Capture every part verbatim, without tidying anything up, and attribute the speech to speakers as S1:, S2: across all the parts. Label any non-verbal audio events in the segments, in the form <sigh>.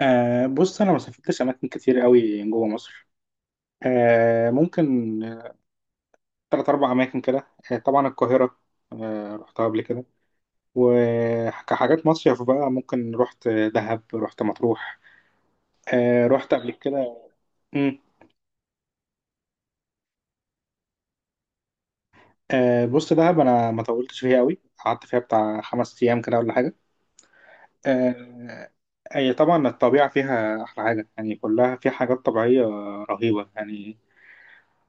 S1: آه بص، انا ما سافرتش اماكن كتير قوي جوه مصر. آه ممكن آه، تلات اربع اماكن كده. آه طبعا القاهره، آه رحتها قبل كده. وكحاجات مصيف بقى ممكن رحت دهب، رحت مطروح. آه رحت قبل كده. مم. آه بص، دهب انا ما طولتش فيها قوي، قعدت فيها بتاع خمس ايام كده ولا حاجه. آه هي طبعا الطبيعه فيها احلى حاجه، يعني كلها في حاجات طبيعيه رهيبه يعني.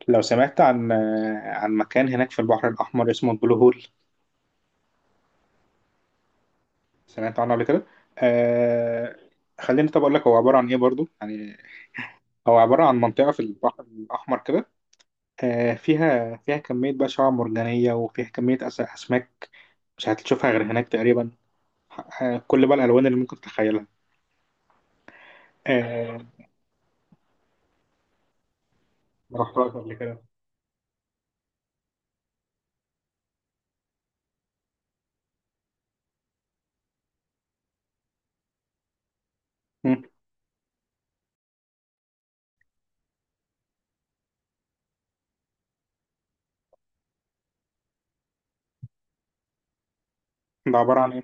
S1: لو سمعت عن آه، عن مكان هناك في البحر الأحمر اسمه البلو هول، سمعت عنه قبل كده. آه خليني، طب اقول لك هو عباره عن ايه برضو يعني. هو عباره عن منطقه في البحر الاحمر كده. آه فيها فيها كميه بقى شعاب مرجانيه، وفيها كميه أس- اسماك مش هتشوفها غير هناك تقريبا. آه كل بقى الالوان اللي ممكن تتخيلها. آه ما رحتهاش قبل كده. مم. ده عباره عن ايه؟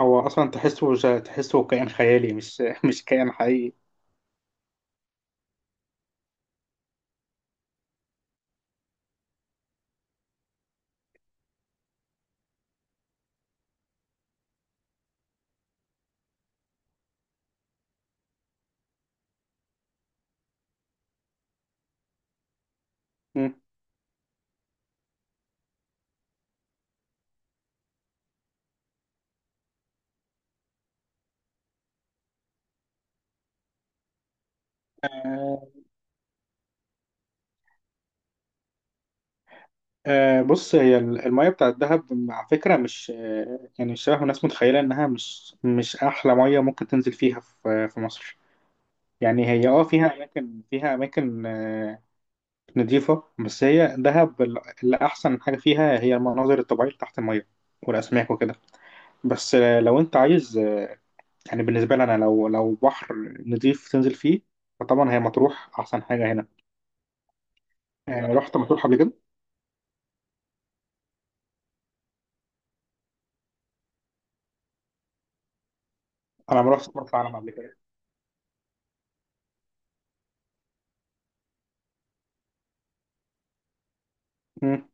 S1: هو اصلا تحسه تحسه كائن خيالي، مش <laughs> مش كائن حقيقي. مم. آه، آه، بص، هي ال- المية بتاع الدهب على فكرة مش آه، يعني شبه ما الناس متخيلة إنها مش مش أحلى مية ممكن تنزل فيها في في مصر. يعني هي اه فيها أماكن فيها أماكن آه، نضيفة. بس هي دهب ال- اللي أحسن حاجة فيها هي المناظر الطبيعية اللي تحت المية والأسماك وكده. بس آه، لو أنت عايز آه، يعني بالنسبة لي أنا لو لو بحر نضيف تنزل فيه، فطبعا هي مطروح أحسن حاجة هنا. آه، رحت مطروح قبل كده؟ أنا ما رحتش مرسى علم قبل كده. مم.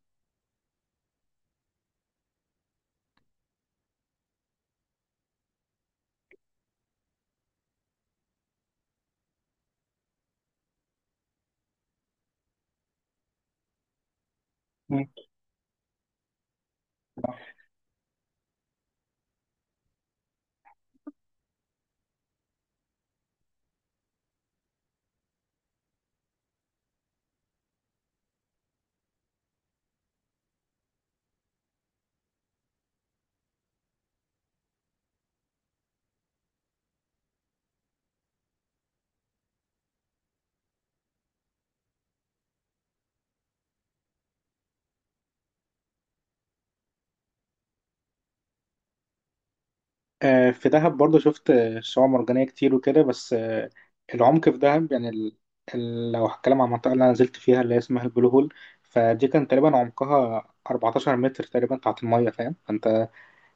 S1: آه، في دهب برضه شفت آه، شعاب مرجانية كتير وكده، بس آه، العمق في دهب يعني ال... ال... لو هتكلم عن المنطقة اللي أنا نزلت فيها اللي هي اسمها البلو هول، فدي كان تقريبا عمقها 14 متر تقريبا تحت المية، فاهم؟ فأنت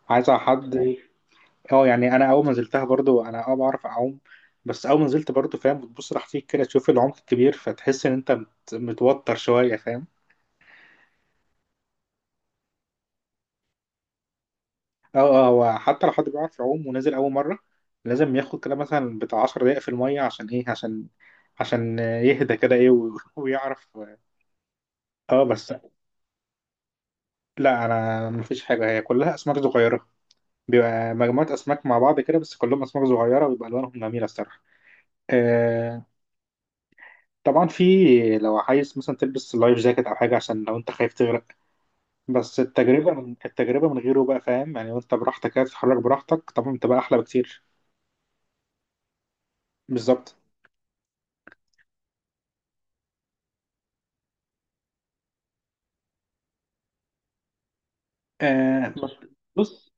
S1: عايز على حد. اه يعني أنا أول ما نزلتها برضه أنا اه بعرف أعوم، بس أول ما نزلت برضه، فاهم، بتبص تحتيك كده تشوف العمق الكبير، فتحس إن أنت مت... متوتر شوية، فاهم؟ اه، اه، هو حتى لو حد بيعرف يعوم ونازل اول مره، لازم ياخد كده مثلا بتاع 10 دقائق في الميه. عشان ايه؟ عشان عشان يهدى كده، ايه و- <laughs> ويعرف. اه بس لا انا مفيش حاجه، هي كلها اسماك صغيره. بيبقى مجموعه اسماك مع بعض كده، بس كلهم اسماك صغيره، ويبقى الوانهم جميله الصراحه. آه طبعا في، لو عايز مثلا تلبس لايف جاكيت او حاجه عشان لو انت خايف تغرق. بس التجربه من التجربه من غيره بقى، فاهم يعني، وانت براحتك كده تتحرك براحتك طبعا بتبقى احلى بكتير. بالظبط. آه بص،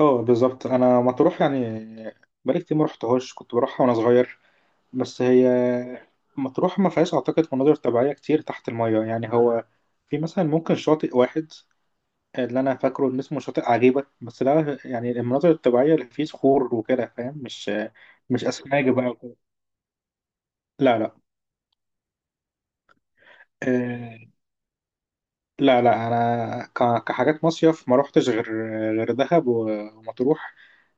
S1: اه، بالظبط. انا مطروح يعني بقالي كتير ما رحتهاش، كنت بروحها وانا صغير، بس هي مطروح ما فيهاش اعتقد مناظر طبيعيه كتير تحت الميه، يعني هو في مثلا ممكن شاطئ واحد اللي انا فاكره ان اسمه شاطئ عجيبه، بس ده يعني المناظر الطبيعيه اللي فيه صخور وكده، فاهم؟ مش مش اسماك بقى وكده. لا، لا، آه، لا، لا، انا ك- كحاجات مصيف ما روحتش غير غير دهب ومطروح،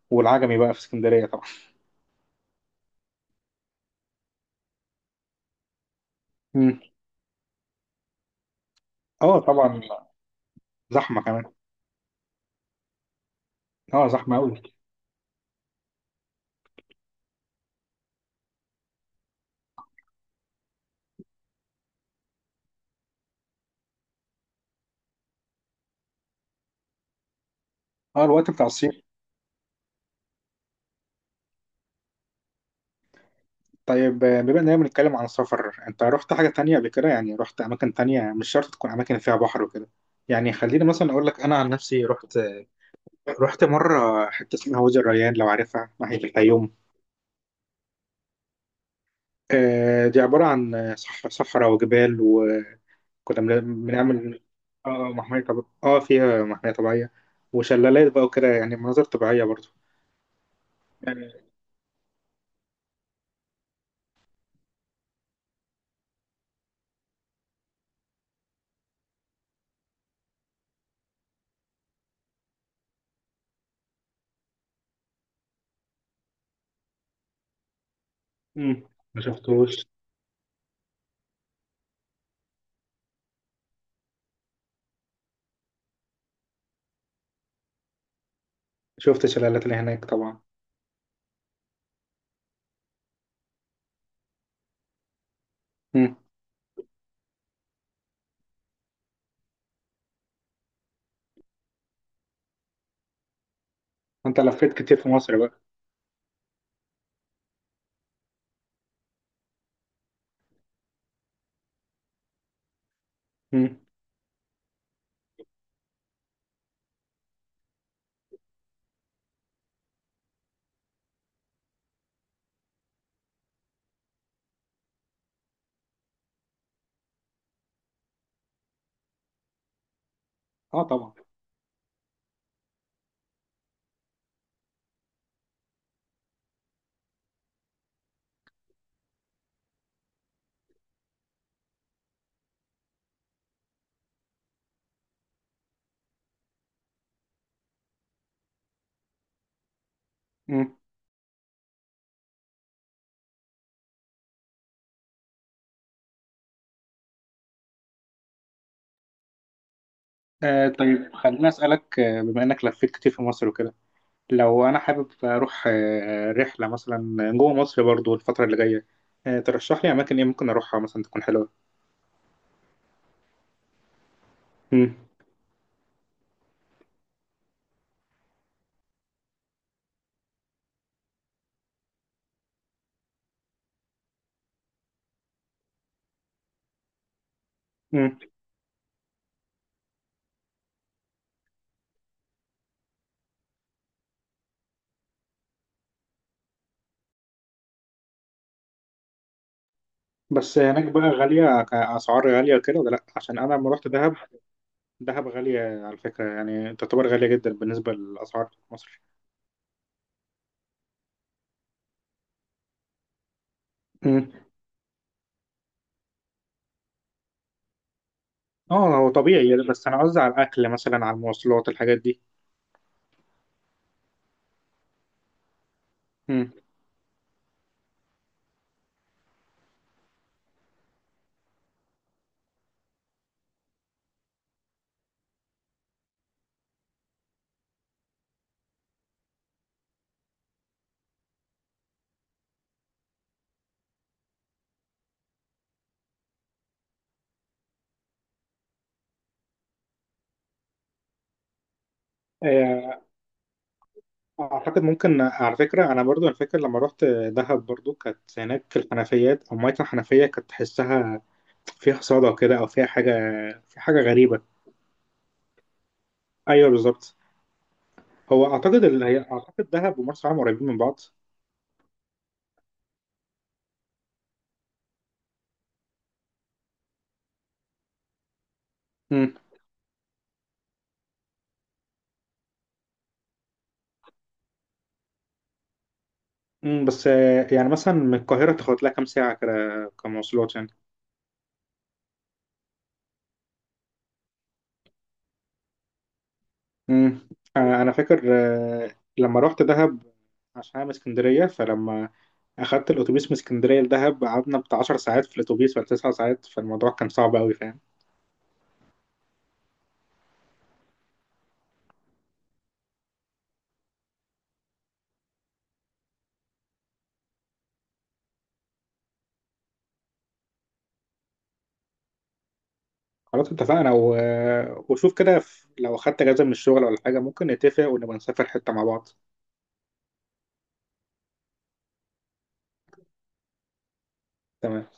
S1: والعجمي بقى في اسكندريه طبعا. مم. اه، طبعا، زحمه كمان. اه، زحمة أوي. اه، الوقت بتاع الصيف. طيب، آه، بما إننا بنتكلم عن السفر، أنت رحت حاجة تانية قبل كده؟ يعني رحت أماكن تانية مش شرط تكون أماكن فيها بحر وكده. يعني خليني مثلا أقول لك أنا عن نفسي، رحت رحت مرة حتة اسمها وادي الريان، لو عارفها ناحية الفيوم. آه دي عبارة عن آه، صح- صحراء وجبال، وكنا بن- بنعمل، اه، محمية طبيعية، اه، فيها محمية طبيعية وشلالات بقى وكده، يعني مناظر طبيعية برضو يعني. مم. ما شفتوش. شفت الشلالات اللي هناك طبعا. مم. انت لفيت كتير في مصر بقى. مم. اه، طبعا. مم. آه طيب خليني اسالك، آه، بما انك لفيت كتير في مصر وكده، لو انا حابب اروح آه رحله مثلا جوه مصر برضو الفتره اللي جايه، آه ترشح لي اماكن ايه ممكن اروحها مثلا تكون حلوه؟ مم. مم. بس هناك بقى غاليه، كاسعار غاليه وكده ولا لا؟ عشان انا لما رحت دهب، دهب غاليه على فكره، يعني تعتبر غاليه جدا بالنسبه للاسعار في مصر. مم. اه، هو طبيعي، بس انا قصدي على الاكل مثلا، على المواصلات الحاجات دي. مم. اعتقد ممكن على فكره، انا برضو، أنا فاكر لما رحت دهب برضو كانت هناك الحنفيات او ميه الحنفيه، كانت تحسها فيها صدى كده او فيها حاجه، في حاجه غريبه. ايوه، بالظبط. هو اعتقد اللي هي اعتقد دهب ومرسى علم قريبين من بعض. امم امم بس آه، يعني مثلا من القاهره تاخد لها كام ساعه كده، كمواصلات يعني. امم آه، انا فاكر، آه، لما رحت دهب عشان انا من اسكندريه، فلما اخدت الاتوبيس من اسكندريه لدهب قعدنا بتاع 10 ساعات في الاتوبيس ولا 9 ساعات، فالموضوع كان صعب قوي، فاهم. خلاص، اتفقنا و... وشوف كده، ف- لو اخدت اجازه من الشغل ولا حاجه ممكن نتفق ونبقى نسافر حته مع بعض. تمام.